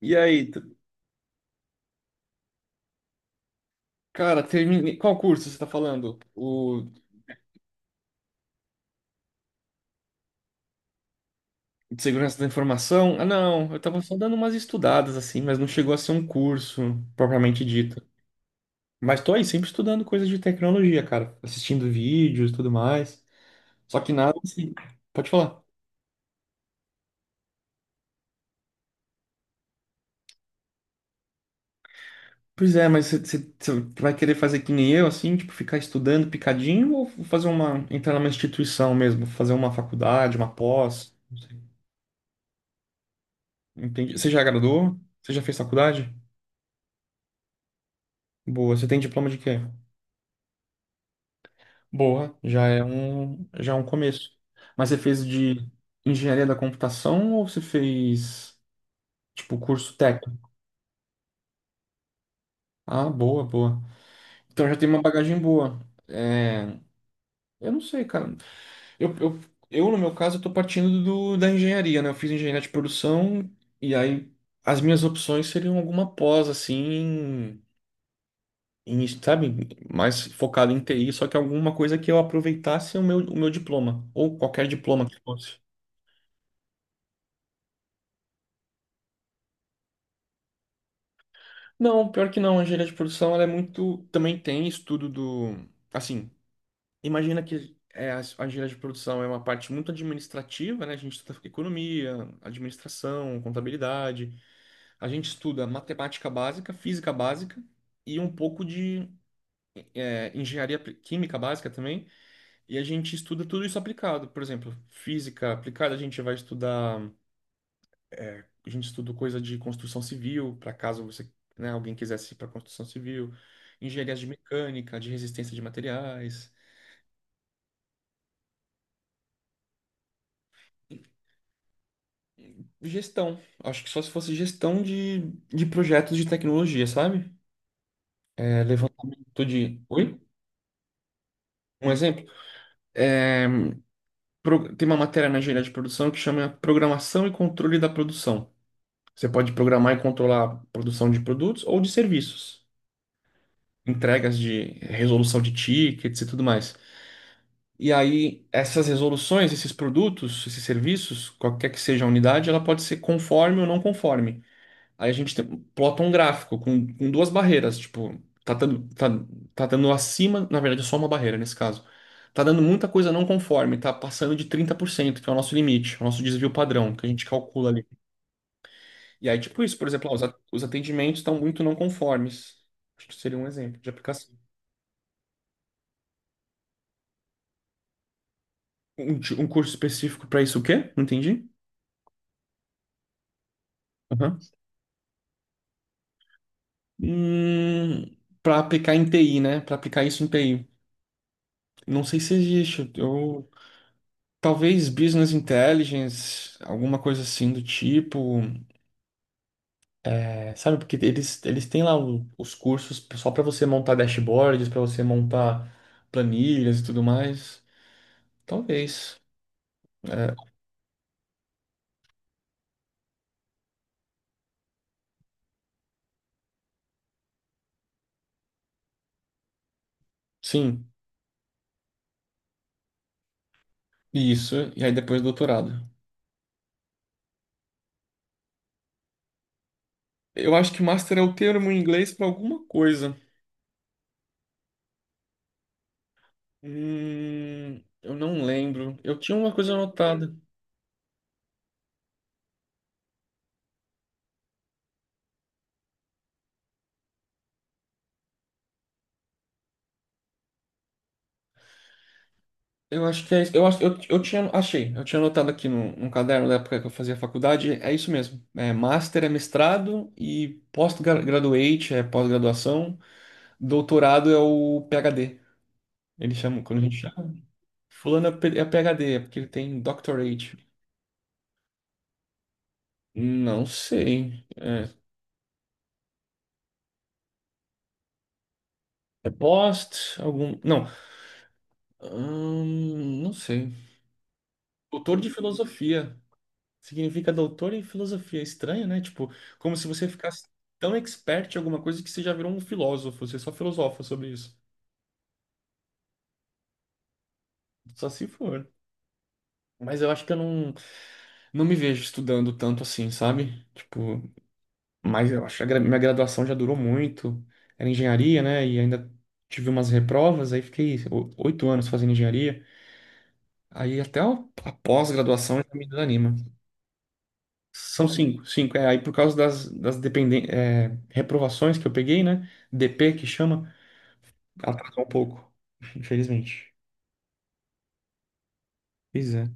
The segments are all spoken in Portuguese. E aí, cara, terminei. Qual curso você tá falando? O de segurança da informação? Ah, não, eu tava só dando umas estudadas assim, mas não chegou a ser um curso propriamente dito. Mas tô aí sempre estudando coisas de tecnologia, cara, assistindo vídeos e tudo mais. Só que nada assim. Pode falar. Pois é, mas você vai querer fazer que nem eu, assim, tipo, ficar estudando picadinho ou fazer uma, entrar numa instituição mesmo, fazer uma faculdade, uma pós? Não sei. Entendi. Você já graduou? Você já fez faculdade? Boa, você tem diploma de quê? Boa, já é um começo. Mas você fez de engenharia da computação ou você fez, tipo, curso técnico? Ah, boa, boa. Então já tem uma bagagem boa. É, eu não sei, cara. Eu, eu, eu, no meu caso, eu tô partindo da engenharia, né? Eu fiz engenharia de produção e aí as minhas opções seriam alguma pós, assim, em, sabe, mais focado em TI, só que alguma coisa que eu aproveitasse o meu diploma, ou qualquer diploma que fosse. Não, pior que não. A engenharia de produção, ela é muito. Também tem estudo do. Assim, imagina que é, a engenharia de produção é uma parte muito administrativa, né? A gente estuda economia, administração, contabilidade. A gente estuda matemática básica, física básica e um pouco de química básica também. E a gente estuda tudo isso aplicado. Por exemplo, física aplicada, a gente vai estudar. A gente estudou coisa de construção civil, para caso você, né, alguém quisesse ir para construção civil, engenharia de mecânica, de resistência de materiais, gestão. Acho que só se fosse gestão de projetos de tecnologia, sabe? É, levantamento de. Oi? Um exemplo? É, tem uma matéria na engenharia de produção que chama Programação e Controle da Produção. Você pode programar e controlar a produção de produtos ou de serviços, entregas de resolução de tickets e tudo mais. E aí, essas resoluções, esses produtos, esses serviços, qualquer que seja a unidade, ela pode ser conforme ou não conforme. Aí a gente plota um gráfico com duas barreiras, tipo, tá dando acima, na verdade é só uma barreira nesse caso. Tá dando muita coisa não conforme, tá passando de 30%, que é o nosso limite, é o nosso desvio padrão, que a gente calcula ali. E aí, tipo isso, por exemplo, ó, os atendimentos estão muito não conformes. Acho que seria um exemplo de aplicação. Um curso específico para isso, o quê? Não entendi. Hum, para aplicar em TI, né? Para aplicar isso em TI. Não sei se existe. Eu, talvez business intelligence, alguma coisa assim do tipo. É, sabe, porque eles têm lá os cursos só para você montar dashboards, para você montar planilhas e tudo mais. Talvez. É, sim, isso. E aí depois doutorado. Eu acho que master é o termo em inglês para alguma coisa. Eu não lembro. Eu tinha uma coisa anotada. Eu acho que é isso. Eu, acho- eu tinha, achei, eu tinha anotado aqui no, num caderno da época que eu fazia faculdade, é isso mesmo. É, master é mestrado e post-graduate é pós-graduação, doutorado é o PhD. Eles chamam, quando a gente chama, fulano é PhD, é porque ele tem doctorate. Não sei. É, post, algum. Não. Não sei. Doutor de filosofia. Significa doutor em filosofia. Estranho, né? Tipo, como se você ficasse tão expert em alguma coisa que você já virou um filósofo. Você só filosofa sobre isso. Só se for. Mas eu acho que eu não me vejo estudando tanto assim, sabe? Tipo, mas eu acho que minha graduação já durou muito. Era engenharia, né? E ainda tive umas reprovas. Aí fiquei 8 anos fazendo engenharia. Aí até a pós-graduação já me desanima. São cinco, cinco. É, aí por causa das reprovações que eu peguei, né? DP que chama. Atrasou um pouco, infelizmente. Pois é.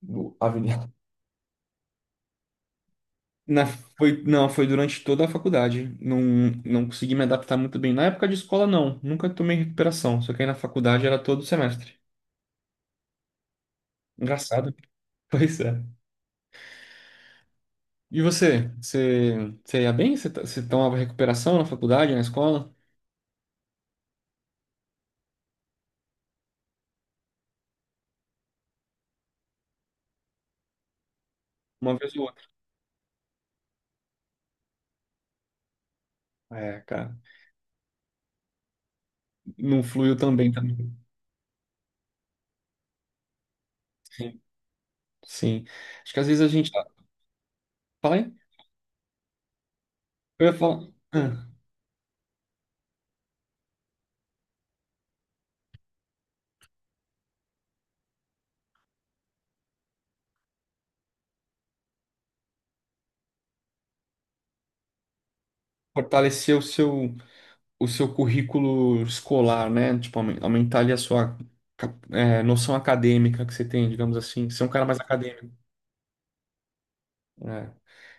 Do- a Na, foi, não, foi durante toda a faculdade. Não, não consegui me adaptar muito bem. Na época de escola, não. Nunca tomei recuperação. Só que aí na faculdade era todo semestre. Engraçado. Pois é. E você? Você ia bem? Você tomava recuperação na faculdade, na escola? Uma vez ou outra. É, cara. Não fluiu tão bem também. Sim. Sim. Acho que às vezes a gente. Fala aí. Eu ia falar. Ah, fortaleceu o seu currículo escolar, né? Tipo, aumentar ali a sua noção acadêmica que você tem, digamos assim. Ser um cara mais acadêmico, né?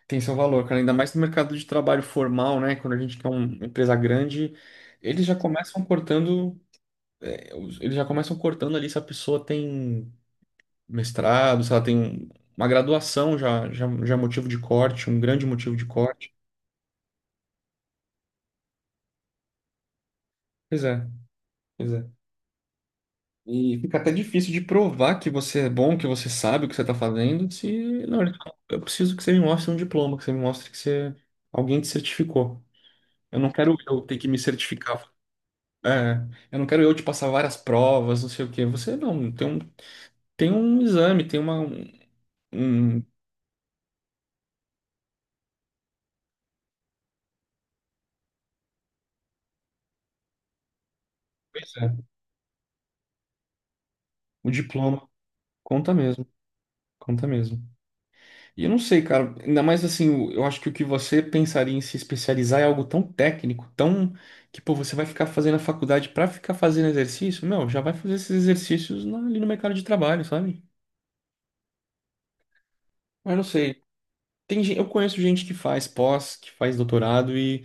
Tem seu valor, cara. Ainda mais no mercado de trabalho formal, né? Quando a gente quer uma empresa grande, eles já começam cortando ali se a pessoa tem mestrado, se ela tem uma graduação já é motivo de corte, um grande motivo de corte. Pois é, pois é. E fica até difícil de provar que você é bom, que você sabe o que você está fazendo, se. Não, ele fala, eu preciso que você me mostre um diploma, que você me mostre que você. Alguém te certificou. Eu não quero eu ter que me certificar. É, eu não quero eu te passar várias provas, não sei o quê. Você não, tem um exame, tem uma. Um, pois é, um diploma. Conta mesmo, conta mesmo. E eu não sei, cara, ainda mais assim, eu acho que o que você pensaria em se especializar é algo tão técnico, tão que, pô, você vai ficar fazendo a faculdade pra ficar fazendo exercício? Meu, já vai fazer esses exercícios ali no mercado de trabalho, sabe? Mas não sei. Eu conheço gente que faz pós, que faz doutorado, e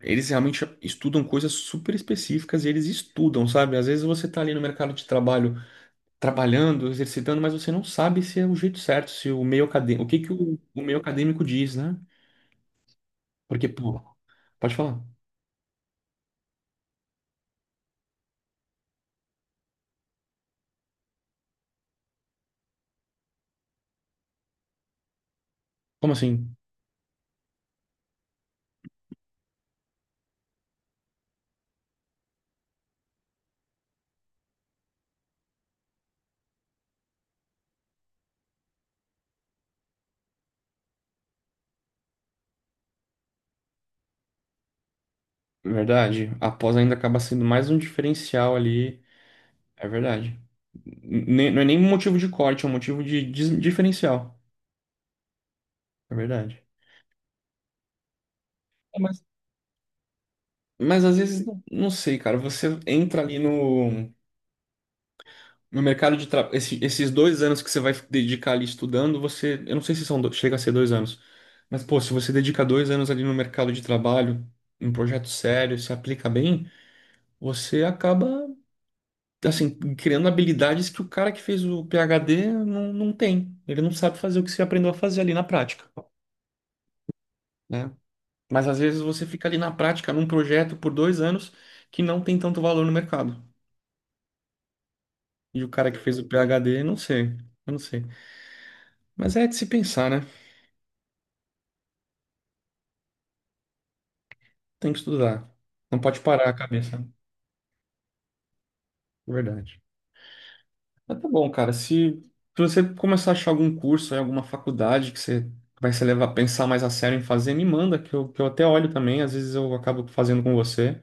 eles realmente estudam coisas super específicas e eles estudam, sabe? Às vezes você tá ali no mercado de trabalho trabalhando, exercitando, mas você não sabe se é o jeito certo, se o meio acadêmico, o que que o meio acadêmico diz, né? Porque, pô, pode falar. Como assim? Verdade. A pós ainda acaba sendo mais um diferencial ali. É verdade. Não é nem um motivo de corte, é um motivo de diferencial. É verdade. É, mas às vezes, não sei, cara. Você entra ali no mercado de trabalho. Esses 2 anos que você vai dedicar ali estudando, você. Eu não sei se chega a ser 2 anos. Mas, pô, se você dedica 2 anos ali no mercado de trabalho, em um projeto sério, se aplica bem, você acaba. Assim, criando habilidades que o cara que fez o PhD não tem. Ele não sabe fazer o que você aprendeu a fazer ali na prática, né? Mas às vezes você fica ali na prática, num projeto por 2 anos que não tem tanto valor no mercado. E o cara que fez o PhD, não sei, eu não sei. Mas é de se pensar, né? Tem que estudar. Não pode parar a cabeça, né? É verdade. Mas tá bom, cara. Se, você começar a achar algum curso, aí, alguma faculdade que você vai se levar a pensar mais a sério em fazer, me manda, que eu até olho também. Às vezes eu acabo fazendo com você.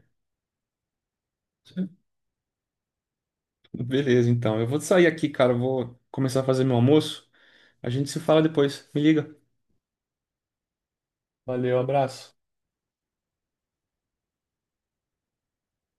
Beleza, então. Eu vou sair aqui, cara. Eu vou começar a fazer meu almoço. A gente se fala depois. Me liga. Valeu, abraço.